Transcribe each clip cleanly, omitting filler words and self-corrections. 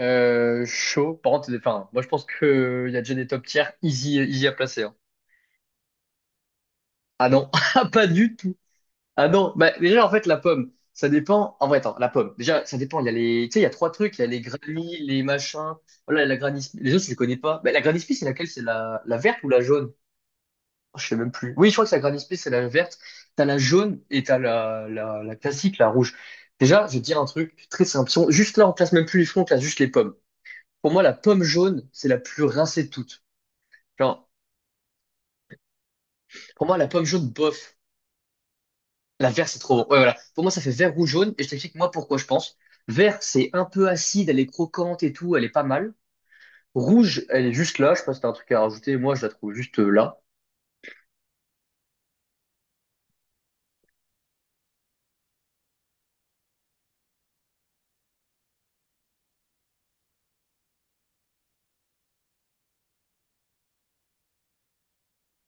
Chaud. Par contre, enfin, moi je pense qu'il y a déjà des top tiers easy, easy à placer, hein. Ah non, pas du tout. Ah non, bah, déjà en fait la pomme, ça dépend. En vrai, attends, la pomme. Déjà, ça dépend. Il y a tu sais, il y a trois trucs. Il y a les granny, les machins. Voilà, la granny Smith. Les autres, je les connais pas. Bah, la granny Smith, c'est laquelle? C'est la verte ou la jaune? Oh, je sais même plus. Oui, je crois que c'est la granny Smith, c'est la verte. T'as la jaune et t'as la classique, la rouge. Déjà, je vais te dire un truc très simple. Si on- Juste là, on classe même plus les fruits, on classe juste les pommes. Pour moi, la pomme jaune, c'est la plus rincée de toutes. Genre, pour moi, la pomme jaune, bof. La verte, c'est trop bon. Ouais, voilà. Pour moi, ça fait vert ou jaune. Et je t'explique, moi, pourquoi je pense. Vert, c'est un peu acide, elle est croquante et tout, elle est pas mal. Rouge, elle est juste là. Je sais pas si t'as un truc à rajouter. Moi, je la trouve juste là.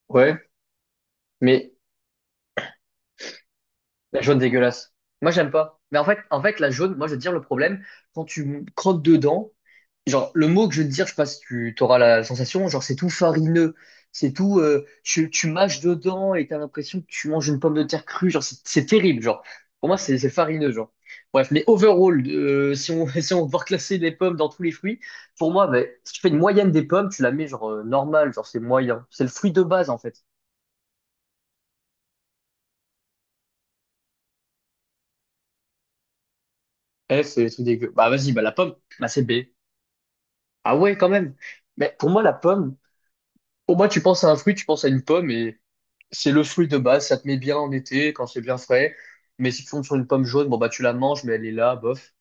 Ouais. Mais la jaune dégueulasse. Moi, j'aime pas. Mais en fait, la jaune, moi, je veux te dire le problème, quand croques dedans, genre, le mot que je veux te dire, je sais pas si tu auras la sensation, genre, c'est tout farineux. C'est tout, tu mâches dedans et t'as l'impression que tu manges une pomme de terre crue. Genre, c'est terrible, genre. Pour moi, c'est farineux, genre. Bref, mais overall, si on, si on veut reclasser les pommes dans tous les fruits, pour moi, ben, si tu fais une moyenne des pommes, tu la mets genre normale, genre c'est moyen. C'est le fruit de base, en fait. F, c'est le trucs dégueu. Bah, vas-y, bah, la pomme, bah, c'est B. Ah ouais, quand même. Mais pour moi, la pomme, pour moi, tu penses à un fruit, tu penses à une pomme et c'est le fruit de base. Ça te met bien en été quand c'est bien frais. Mais si tu tombes sur une pomme jaune, bon, bah, tu la manges, mais elle est là, bof.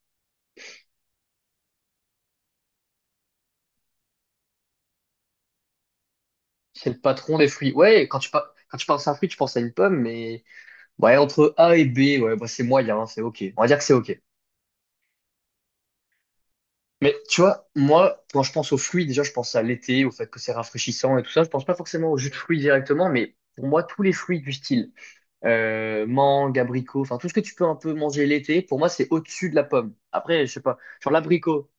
C'est le patron des fruits. Ouais, quand quand tu penses à un fruit, tu penses à une pomme, mais ouais, entre A et B, ouais, bah, c'est moyen, hein, c'est OK. On va dire que c'est OK. Mais tu vois, moi, quand je pense aux fruits, déjà, je pense à l'été, au fait que c'est rafraîchissant et tout ça. Je pense pas forcément au jus de fruits directement, mais pour moi, tous les fruits du style, mangue, abricot, enfin tout ce que tu peux un peu manger l'été, pour moi c'est au-dessus de la pomme. Après, je sais pas, genre l'abricot.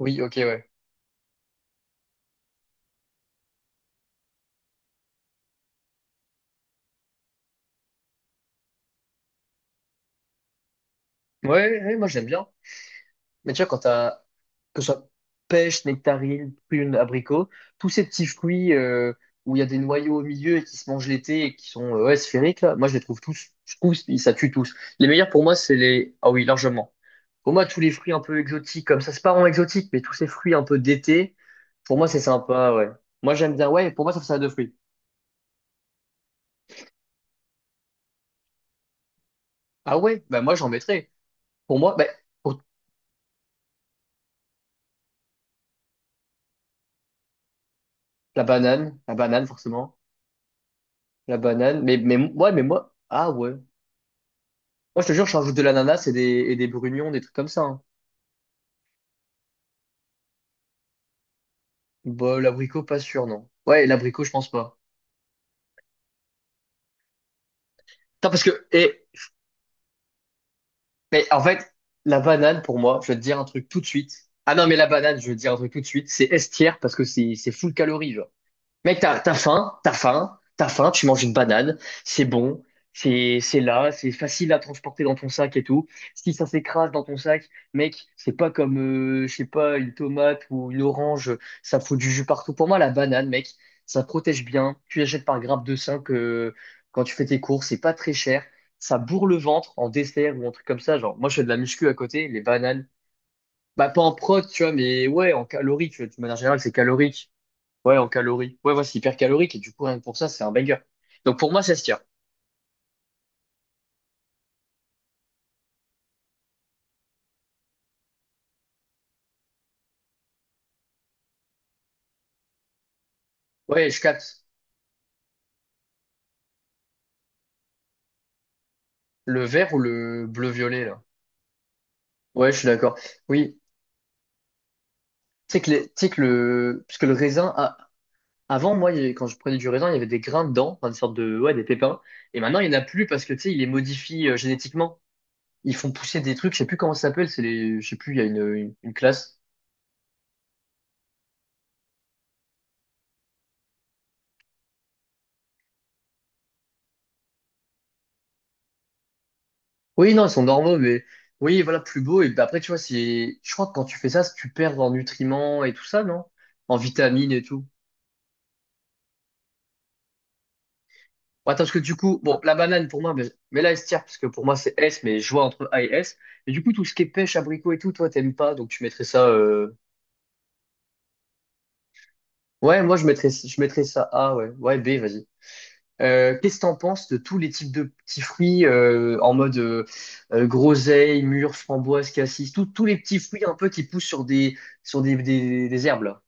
Oui, ok, ouais. Ouais, moi j'aime bien. Mais tu vois, quand t'as, que ce soit pêche, nectarine, prune, abricot, tous ces petits fruits où il y a des noyaux au milieu et qui se mangent l'été et qui sont ouais, sphériques, là, moi je les trouve tous, ça tue tous. Les meilleurs pour moi, c'est les. Ah oui, largement. Pour moi, tous les fruits un peu exotiques, comme ça, c'est pas vraiment exotique, mais tous ces fruits un peu d'été, pour moi, c'est sympa, ouais. Moi, j'aime bien, ouais, pour moi, ça fait ça deux fruits. Ah ouais, bah moi, j'en mettrais. Pour moi, bah, pour la banane, forcément, la banane, ouais, mais moi, ah ouais. Moi, je te jure, je rajoute de l'ananas et des brugnons, des trucs comme ça, hein. Bah, l'abricot, pas sûr, non. Ouais, l'abricot, je pense pas. Putain, mais en fait, la banane, pour moi, je vais te dire un truc tout de suite. Ah non, mais la banane, je vais te dire un truc tout de suite, c'est estière parce que c'est full calories, genre. Mec, t'as faim, tu manges une banane, c'est bon, c'est là, c'est facile à transporter dans ton sac et tout. Si ça s'écrase dans ton sac, mec, c'est pas comme, je sais pas, une tomate ou une orange, ça fout du jus partout. Pour moi, la banane, mec, ça protège bien. Tu achètes par grappe de 5 quand tu fais tes courses, c'est pas très cher. Ça bourre le ventre en dessert ou un truc comme ça. Genre, moi, je fais de la muscu à côté, les bananes. Bah, pas en prot, tu vois, mais ouais, en calories, tu vois, de manière générale, c'est calorique. Ouais, en calories. Ouais, c'est hyper calorique et du coup, rien que pour ça, c'est un banger. Donc pour moi, ça se tient. Ouais, je capte. Le vert ou le bleu-violet, là. Ouais, je suis d'accord. Oui. Tu sais que, les- tu sais que le. Parce que le raisin. A- Avant, moi, quand je prenais du raisin, il y avait des grains dedans, enfin, des sortes de. Ouais, des pépins. Et maintenant, il n'y en a plus parce que, tu sais, ils les modifient génétiquement. Ils font pousser des trucs, je sais plus comment ça s'appelle, c'est les. Je sais plus, il y a une classe. Oui, non, ils sont normaux, mais. Oui, voilà, plus beau. Et bah, après, tu vois, c'est. Je crois que quand tu fais ça, tu perds en nutriments et tout ça, non? En vitamines et tout. Ouais, parce que du coup, bon, la banane pour moi, mais là, elle se tire, parce que pour moi, c'est S, mais je vois entre A et S. Mais du coup, tout ce qui est pêche, abricot et tout, toi, t'aimes pas, donc tu mettrais ça, ouais, moi, je mettrais ça A, ouais. Ouais, B, vas-y. Qu'est-ce que t'en penses de tous les types de petits fruits en mode groseille, mûre, framboise, cassis, tous les petits fruits un peu qui poussent sur des, des herbes, là?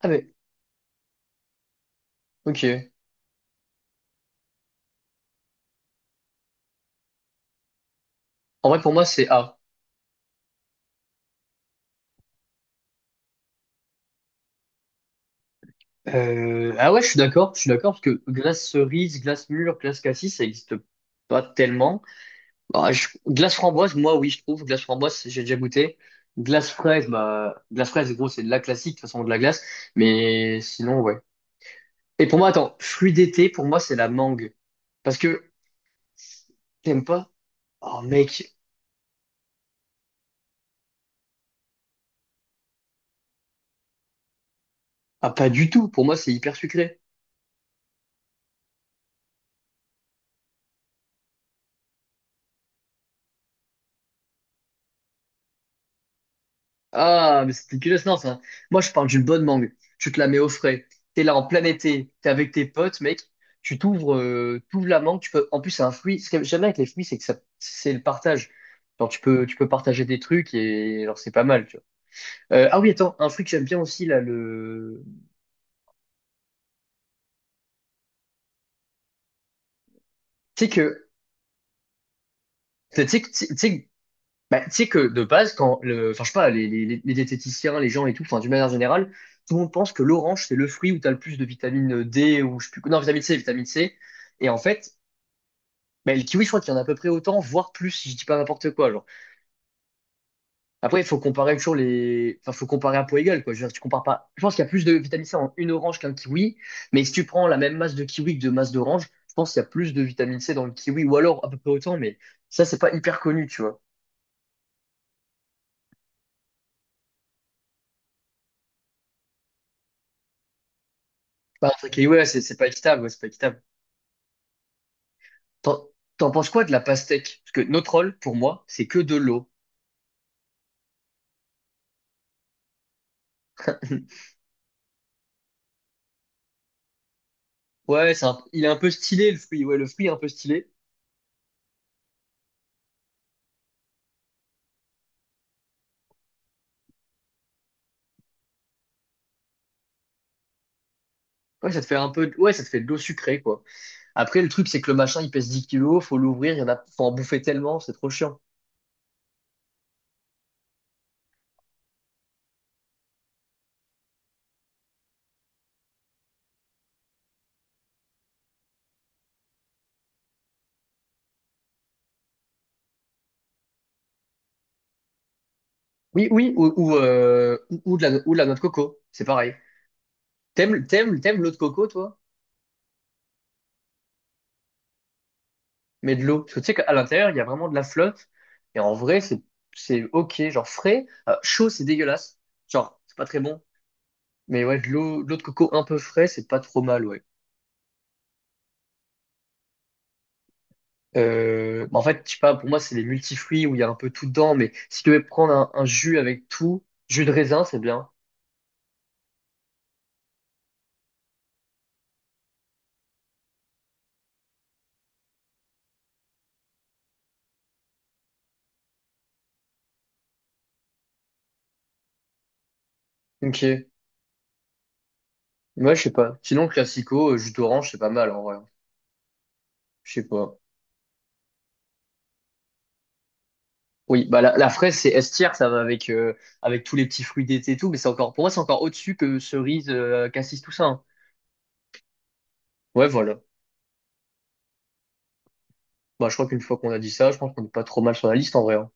Ah, mais, ok. En vrai, pour moi, c'est A. Ah ouais, je suis d'accord, parce que glace cerise, glace mûre, glace cassis, ça existe pas tellement. Glace framboise, moi, oui, je trouve. Glace framboise, j'ai déjà goûté. Glace fraise, bah, glace fraise, gros, c'est de la classique, de toute façon, de la glace. Mais sinon, ouais. Et pour moi, attends, fruit d'été, pour moi, c'est la mangue. Parce que, t'aimes pas? Oh, mec, ah, pas du tout. Pour moi, c'est hyper sucré. Ah, mais c'est dégueulasse, non, ça. Moi, je parle d'une bonne mangue. Tu te la mets au frais. T'es là en plein été. T'es avec tes potes, mec. Tu t'ouvres, t'ouvres la mangue. Tu peux, en plus, c'est un fruit. Ce que j'aime bien avec les fruits, c'est que ça, c'est le partage. Genre, tu peux partager des trucs et genre, c'est pas mal, tu vois. Ah oui, attends, un fruit que j'aime bien aussi, là, le, tu sais que, tu sais que, tu sais que Bah, tu sais que de base, enfin, je sais pas, les diététiciens, les gens et tout, enfin, d'une manière générale, tout le monde pense que l'orange, c'est le fruit où tu as le plus de vitamine D ou je sais plus, quoi. Non, vitamine C. Et en fait, bah, le kiwi, je crois qu'il y en a à peu près autant, voire plus, si je dis pas n'importe quoi. Genre. Après, il faut comparer toujours les, enfin, faut comparer à poids égal, quoi. Je veux dire, si tu compares pas. Je pense qu'il y a plus de vitamine C en une orange qu'un kiwi, mais si tu prends la même masse de kiwi que de masse d'orange, je pense qu'il y a plus de vitamine C dans le kiwi, ou alors à peu près autant, mais ça, c'est pas hyper connu, tu vois. Bah, ok, ouais, c'est pas équitable, ouais, c'est pas équitable. T'en t'en penses quoi de la pastèque? Parce que notre rôle, pour moi, c'est que de l'eau. Ouais, il est un peu stylé, le fruit. Ouais, le fruit est un peu stylé. Ouais, ça te fait un peu, ouais, ça te fait de l'eau sucrée, quoi. Après, le truc, c'est que le machin, il pèse dix kilos, faut l'ouvrir, il y en a, faut en bouffer tellement, c'est trop chiant. Ou de la noix de coco, c'est pareil. T'aimes l'eau de coco, toi? Mais de l'eau. Parce que tu sais qu'à l'intérieur, il y a vraiment de la flotte. Et en vrai, c'est ok. Genre frais, chaud, c'est dégueulasse. Genre, c'est pas très bon. Mais ouais, de l'eau de coco un peu frais, c'est pas trop mal, ouais. Bah en fait, je sais pas, pour moi, c'est les multifruits où il y a un peu tout dedans. Mais si tu veux prendre un jus avec tout, jus de raisin, c'est bien. Ok. Moi, je sais pas. Sinon, classico, jus d'orange, c'est pas mal, en vrai. Je sais pas. Oui, bah la fraise, c'est S tier, ça va avec, avec tous les petits fruits d'été et tout, mais pour moi, c'est encore au-dessus que cerise, cassis, tout ça, hein. Ouais, voilà. Bah, je crois qu'une fois qu'on a dit ça, je pense qu'on est pas trop mal sur la liste en vrai, hein.